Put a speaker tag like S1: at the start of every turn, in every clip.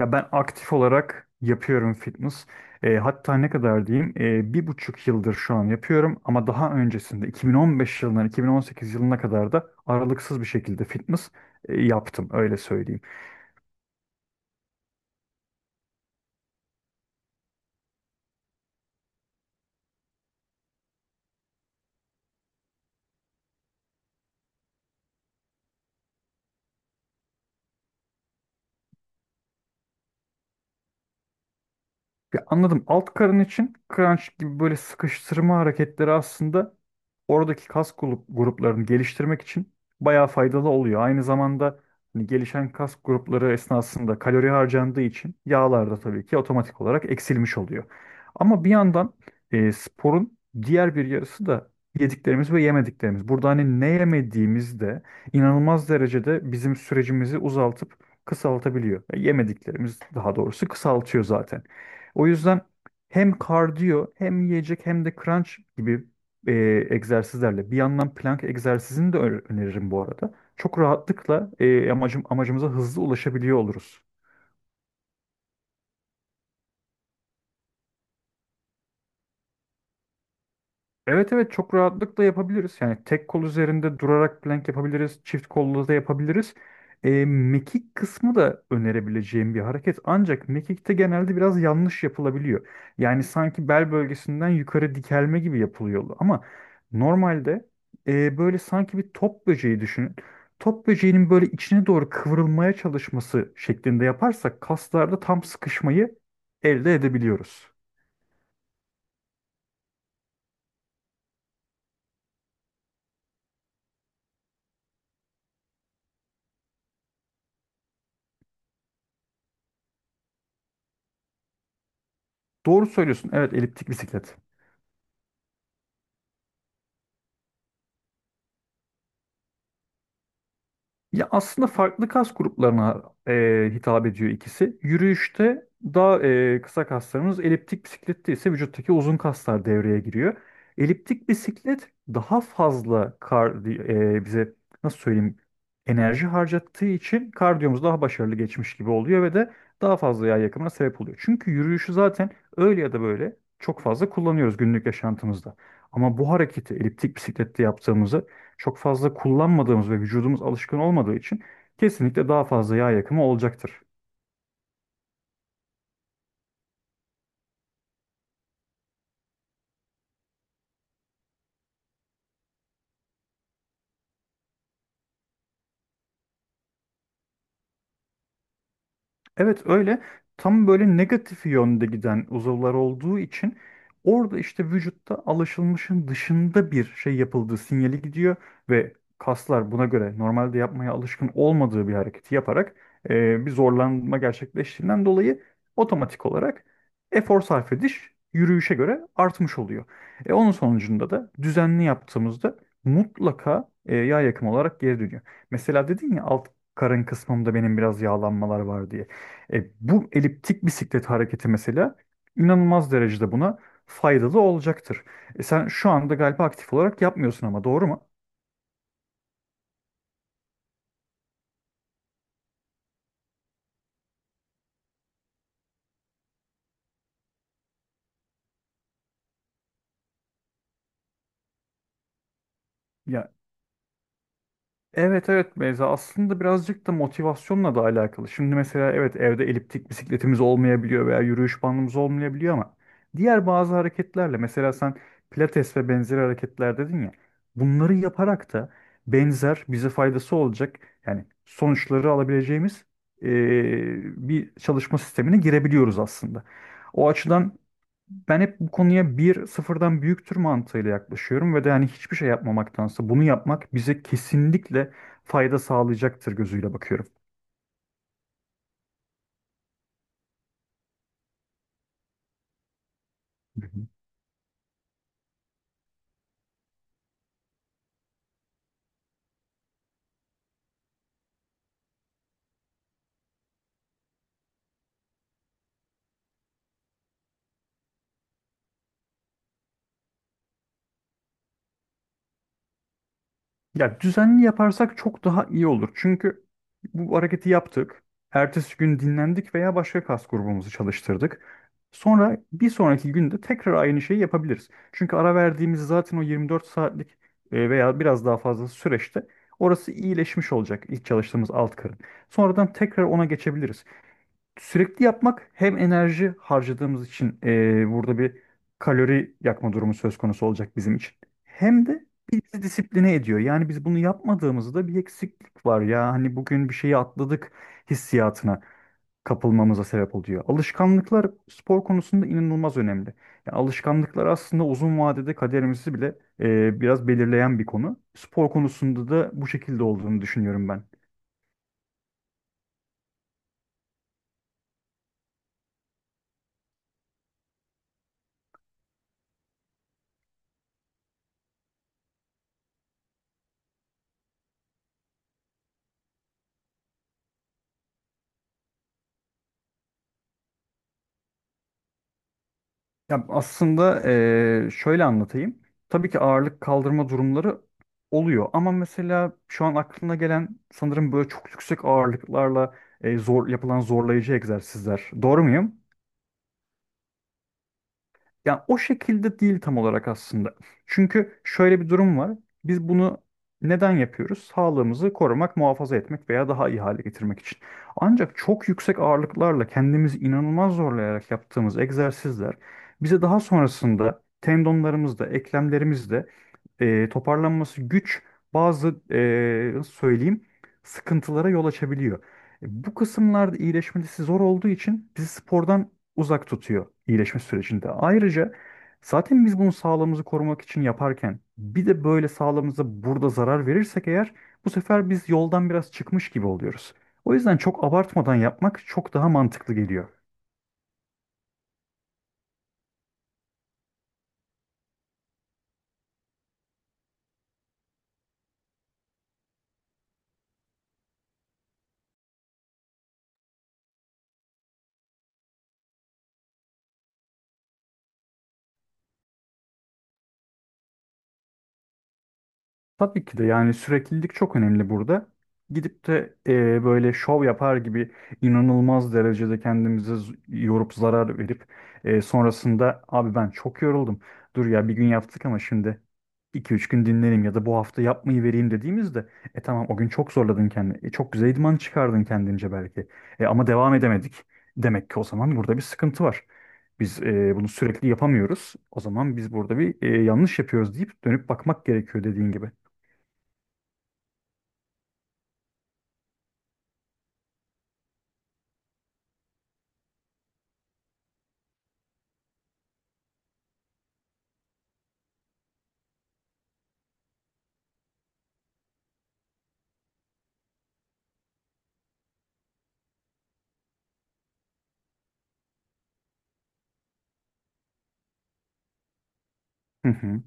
S1: Ya ben aktif olarak yapıyorum fitness. Hatta ne kadar diyeyim bir buçuk yıldır şu an yapıyorum ama daha öncesinde 2015 yılından 2018 yılına kadar da aralıksız bir şekilde fitness yaptım öyle söyleyeyim. Ya anladım, alt karın için crunch gibi böyle sıkıştırma hareketleri aslında oradaki gruplarını geliştirmek için bayağı faydalı oluyor. Aynı zamanda hani gelişen kas grupları esnasında kalori harcandığı için yağlar da tabii ki otomatik olarak eksilmiş oluyor. Ama bir yandan sporun diğer bir yarısı da yediklerimiz ve yemediklerimiz. Burada hani ne yemediğimiz de inanılmaz derecede bizim sürecimizi uzaltıp kısaltabiliyor. Yemediklerimiz daha doğrusu kısaltıyor zaten. O yüzden hem kardiyo hem yiyecek hem de crunch gibi e, egzersizlerle. Bir yandan plank egzersizini de öneririm bu arada. Çok rahatlıkla amacımıza hızlı ulaşabiliyor oluruz. Evet, evet, çok rahatlıkla yapabiliriz. Yani tek kol üzerinde durarak plank yapabiliriz. Çift kollu da yapabiliriz. Mekik kısmı da önerebileceğim bir hareket. Ancak mekikte genelde biraz yanlış yapılabiliyor. Yani sanki bel bölgesinden yukarı dikelme gibi yapılıyor. Ama normalde böyle sanki bir top böceği düşünün. Top böceğinin böyle içine doğru kıvrılmaya çalışması şeklinde yaparsak kaslarda tam sıkışmayı elde edebiliyoruz. Doğru söylüyorsun. Evet, eliptik bisiklet. Ya aslında farklı kas gruplarına hitap ediyor ikisi. Yürüyüşte daha kısa kaslarımız, eliptik bisiklette ise vücuttaki uzun kaslar devreye giriyor. Eliptik bisiklet daha fazla bize nasıl söyleyeyim, enerji harcattığı için kardiyomuz daha başarılı geçmiş gibi oluyor ve de daha fazla yağ yakımına sebep oluyor. Çünkü yürüyüşü zaten öyle ya da böyle çok fazla kullanıyoruz günlük yaşantımızda. Ama bu hareketi eliptik bisiklette yaptığımızı çok fazla kullanmadığımız ve vücudumuz alışkın olmadığı için kesinlikle daha fazla yağ yakımı olacaktır. Evet, öyle tam böyle negatif yönde giden uzuvlar olduğu için orada işte vücutta alışılmışın dışında bir şey yapıldığı sinyali gidiyor ve kaslar buna göre normalde yapmaya alışkın olmadığı bir hareketi yaparak bir zorlanma gerçekleştiğinden dolayı otomatik olarak efor sarf ediş yürüyüşe göre artmış oluyor. Onun sonucunda da düzenli yaptığımızda mutlaka yağ yakımı olarak geri dönüyor. Mesela dedin ya alt karın kısmımda benim biraz yağlanmalar var diye. Bu eliptik bisiklet hareketi mesela inanılmaz derecede buna faydalı olacaktır. Sen şu anda galiba aktif olarak yapmıyorsun ama, doğru mu? Ya evet, evet, Beyza, aslında birazcık da motivasyonla da alakalı. Şimdi mesela evet, evde eliptik bisikletimiz olmayabiliyor veya yürüyüş bandımız olmayabiliyor ama diğer bazı hareketlerle mesela sen pilates ve benzeri hareketler dedin ya, bunları yaparak da benzer bize faydası olacak yani sonuçları alabileceğimiz eee, bir çalışma sistemine girebiliyoruz aslında. O açıdan ben hep bu konuya bir sıfırdan büyüktür mantığıyla yaklaşıyorum ve de hani hiçbir şey yapmamaktansa bunu yapmak bize kesinlikle fayda sağlayacaktır gözüyle bakıyorum. Hı hı. Ya düzenli yaparsak çok daha iyi olur. Çünkü bu hareketi yaptık. Ertesi gün dinlendik veya başka kas grubumuzu çalıştırdık. Sonra bir sonraki günde tekrar aynı şeyi yapabiliriz. Çünkü ara verdiğimiz zaten o 24 saatlik veya biraz daha fazla süreçte orası iyileşmiş olacak, ilk çalıştığımız alt karın. Sonradan tekrar ona geçebiliriz. Sürekli yapmak hem enerji harcadığımız için burada bir kalori yakma durumu söz konusu olacak bizim için. Hem de bizi disipline ediyor. Yani biz bunu yapmadığımızda bir eksiklik var ya. Hani bugün bir şeyi atladık hissiyatına kapılmamıza sebep oluyor. Alışkanlıklar spor konusunda inanılmaz önemli. Yani alışkanlıklar aslında uzun vadede kaderimizi bile biraz belirleyen bir konu. Spor konusunda da bu şekilde olduğunu düşünüyorum ben. Ya aslında şöyle anlatayım. Tabii ki ağırlık kaldırma durumları oluyor ama mesela şu an aklına gelen sanırım böyle çok yüksek ağırlıklarla zor yapılan zorlayıcı egzersizler. Doğru muyum? Yani o şekilde değil tam olarak aslında. Çünkü şöyle bir durum var. Biz bunu neden yapıyoruz? Sağlığımızı korumak, muhafaza etmek veya daha iyi hale getirmek için. Ancak çok yüksek ağırlıklarla kendimizi inanılmaz zorlayarak yaptığımız egzersizler bize daha sonrasında tendonlarımızda, eklemlerimizde toparlanması güç bazı nasıl söyleyeyim, sıkıntılara yol açabiliyor. Bu kısımlarda iyileşmesi zor olduğu için bizi spordan uzak tutuyor iyileşme sürecinde. Ayrıca zaten biz bunu sağlığımızı korumak için yaparken bir de böyle sağlığımıza burada zarar verirsek eğer bu sefer biz yoldan biraz çıkmış gibi oluyoruz. O yüzden çok abartmadan yapmak çok daha mantıklı geliyor. Tabii ki de, yani süreklilik çok önemli burada. Gidip de böyle şov yapar gibi inanılmaz derecede kendimizi yorup zarar verip sonrasında, abi ben çok yoruldum. Dur ya, bir gün yaptık ama şimdi iki üç gün dinleneyim ya da bu hafta yapmayı vereyim dediğimizde, e, tamam, o gün çok zorladın kendini. Çok güzel idman çıkardın kendince belki. Ama devam edemedik. Demek ki o zaman burada bir sıkıntı var. Biz bunu sürekli yapamıyoruz. O zaman biz burada bir yanlış yapıyoruz deyip dönüp bakmak gerekiyor dediğin gibi. Hı hı.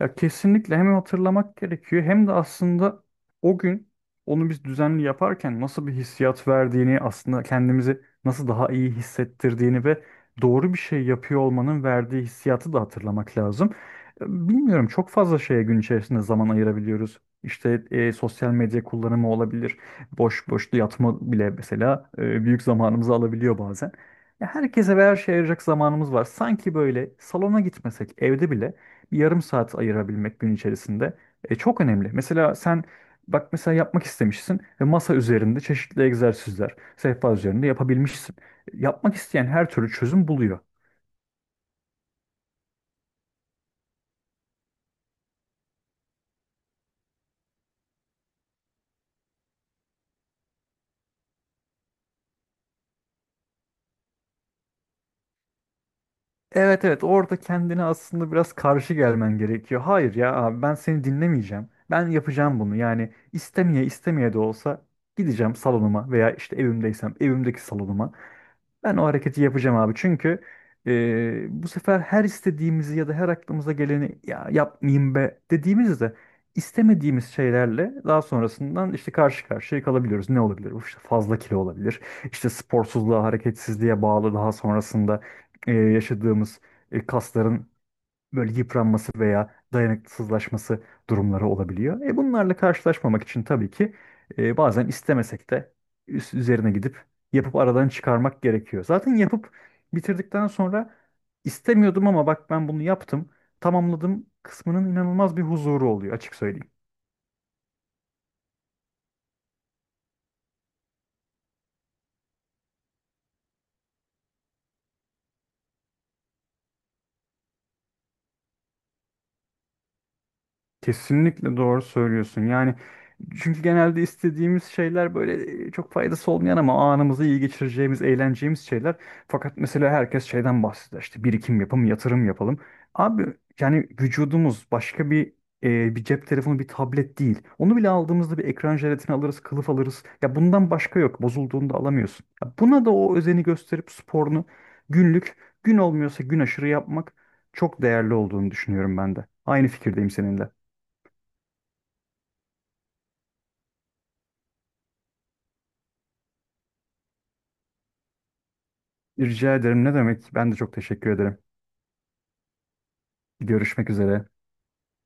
S1: Ya kesinlikle hem hatırlamak gerekiyor hem de aslında o gün onu biz düzenli yaparken nasıl bir hissiyat verdiğini, aslında kendimizi nasıl daha iyi hissettirdiğini ve doğru bir şey yapıyor olmanın verdiği hissiyatı da hatırlamak lazım. Bilmiyorum, çok fazla şeye gün içerisinde zaman ayırabiliyoruz. İşte sosyal medya kullanımı olabilir. Boş boş yatma bile mesela büyük zamanımızı alabiliyor bazen. Ya herkese ve her şeye ayıracak zamanımız var. Sanki böyle salona gitmesek evde bile bir yarım saat ayırabilmek gün içerisinde çok önemli. Mesela sen bak, mesela yapmak istemişsin ve masa üzerinde çeşitli egzersizler, sehpa üzerinde yapabilmişsin. Yapmak isteyen her türlü çözüm buluyor. Evet, evet, orada kendine aslında biraz karşı gelmen gerekiyor. Hayır ya abi, ben seni dinlemeyeceğim. Ben yapacağım bunu. Yani istemeye istemeye de olsa gideceğim salonuma veya işte evimdeysem evimdeki salonuma. Ben o hareketi yapacağım abi. Çünkü bu sefer her istediğimizi ya da her aklımıza geleni ya yapmayayım be dediğimizde istemediğimiz şeylerle daha sonrasından işte karşı karşıya kalabiliyoruz. Ne olabilir? İşte fazla kilo olabilir. İşte sporsuzluğa, hareketsizliğe bağlı daha sonrasında yaşadığımız kasların böyle yıpranması veya dayanıksızlaşması durumları olabiliyor. Bunlarla karşılaşmamak için tabii ki bazen istemesek de üst üzerine gidip yapıp aradan çıkarmak gerekiyor. Zaten yapıp bitirdikten sonra, istemiyordum ama bak ben bunu yaptım, tamamladım kısmının inanılmaz bir huzuru oluyor, açık söyleyeyim. Kesinlikle doğru söylüyorsun. Yani çünkü genelde istediğimiz şeyler böyle çok faydası olmayan ama anımızı iyi geçireceğimiz, eğleneceğimiz şeyler. Fakat mesela herkes şeyden bahseder. İşte birikim yapalım, yatırım yapalım. Abi yani vücudumuz başka bir bir cep telefonu, bir tablet değil. Onu bile aldığımızda bir ekran jelatini alırız, kılıf alırız. Ya bundan başka yok. Bozulduğunda alamıyorsun. Ya buna da o özeni gösterip sporunu günlük, gün olmuyorsa gün aşırı yapmak çok değerli olduğunu düşünüyorum ben de. Aynı fikirdeyim seninle. Rica ederim. Ne demek? Ben de çok teşekkür ederim. Görüşmek üzere.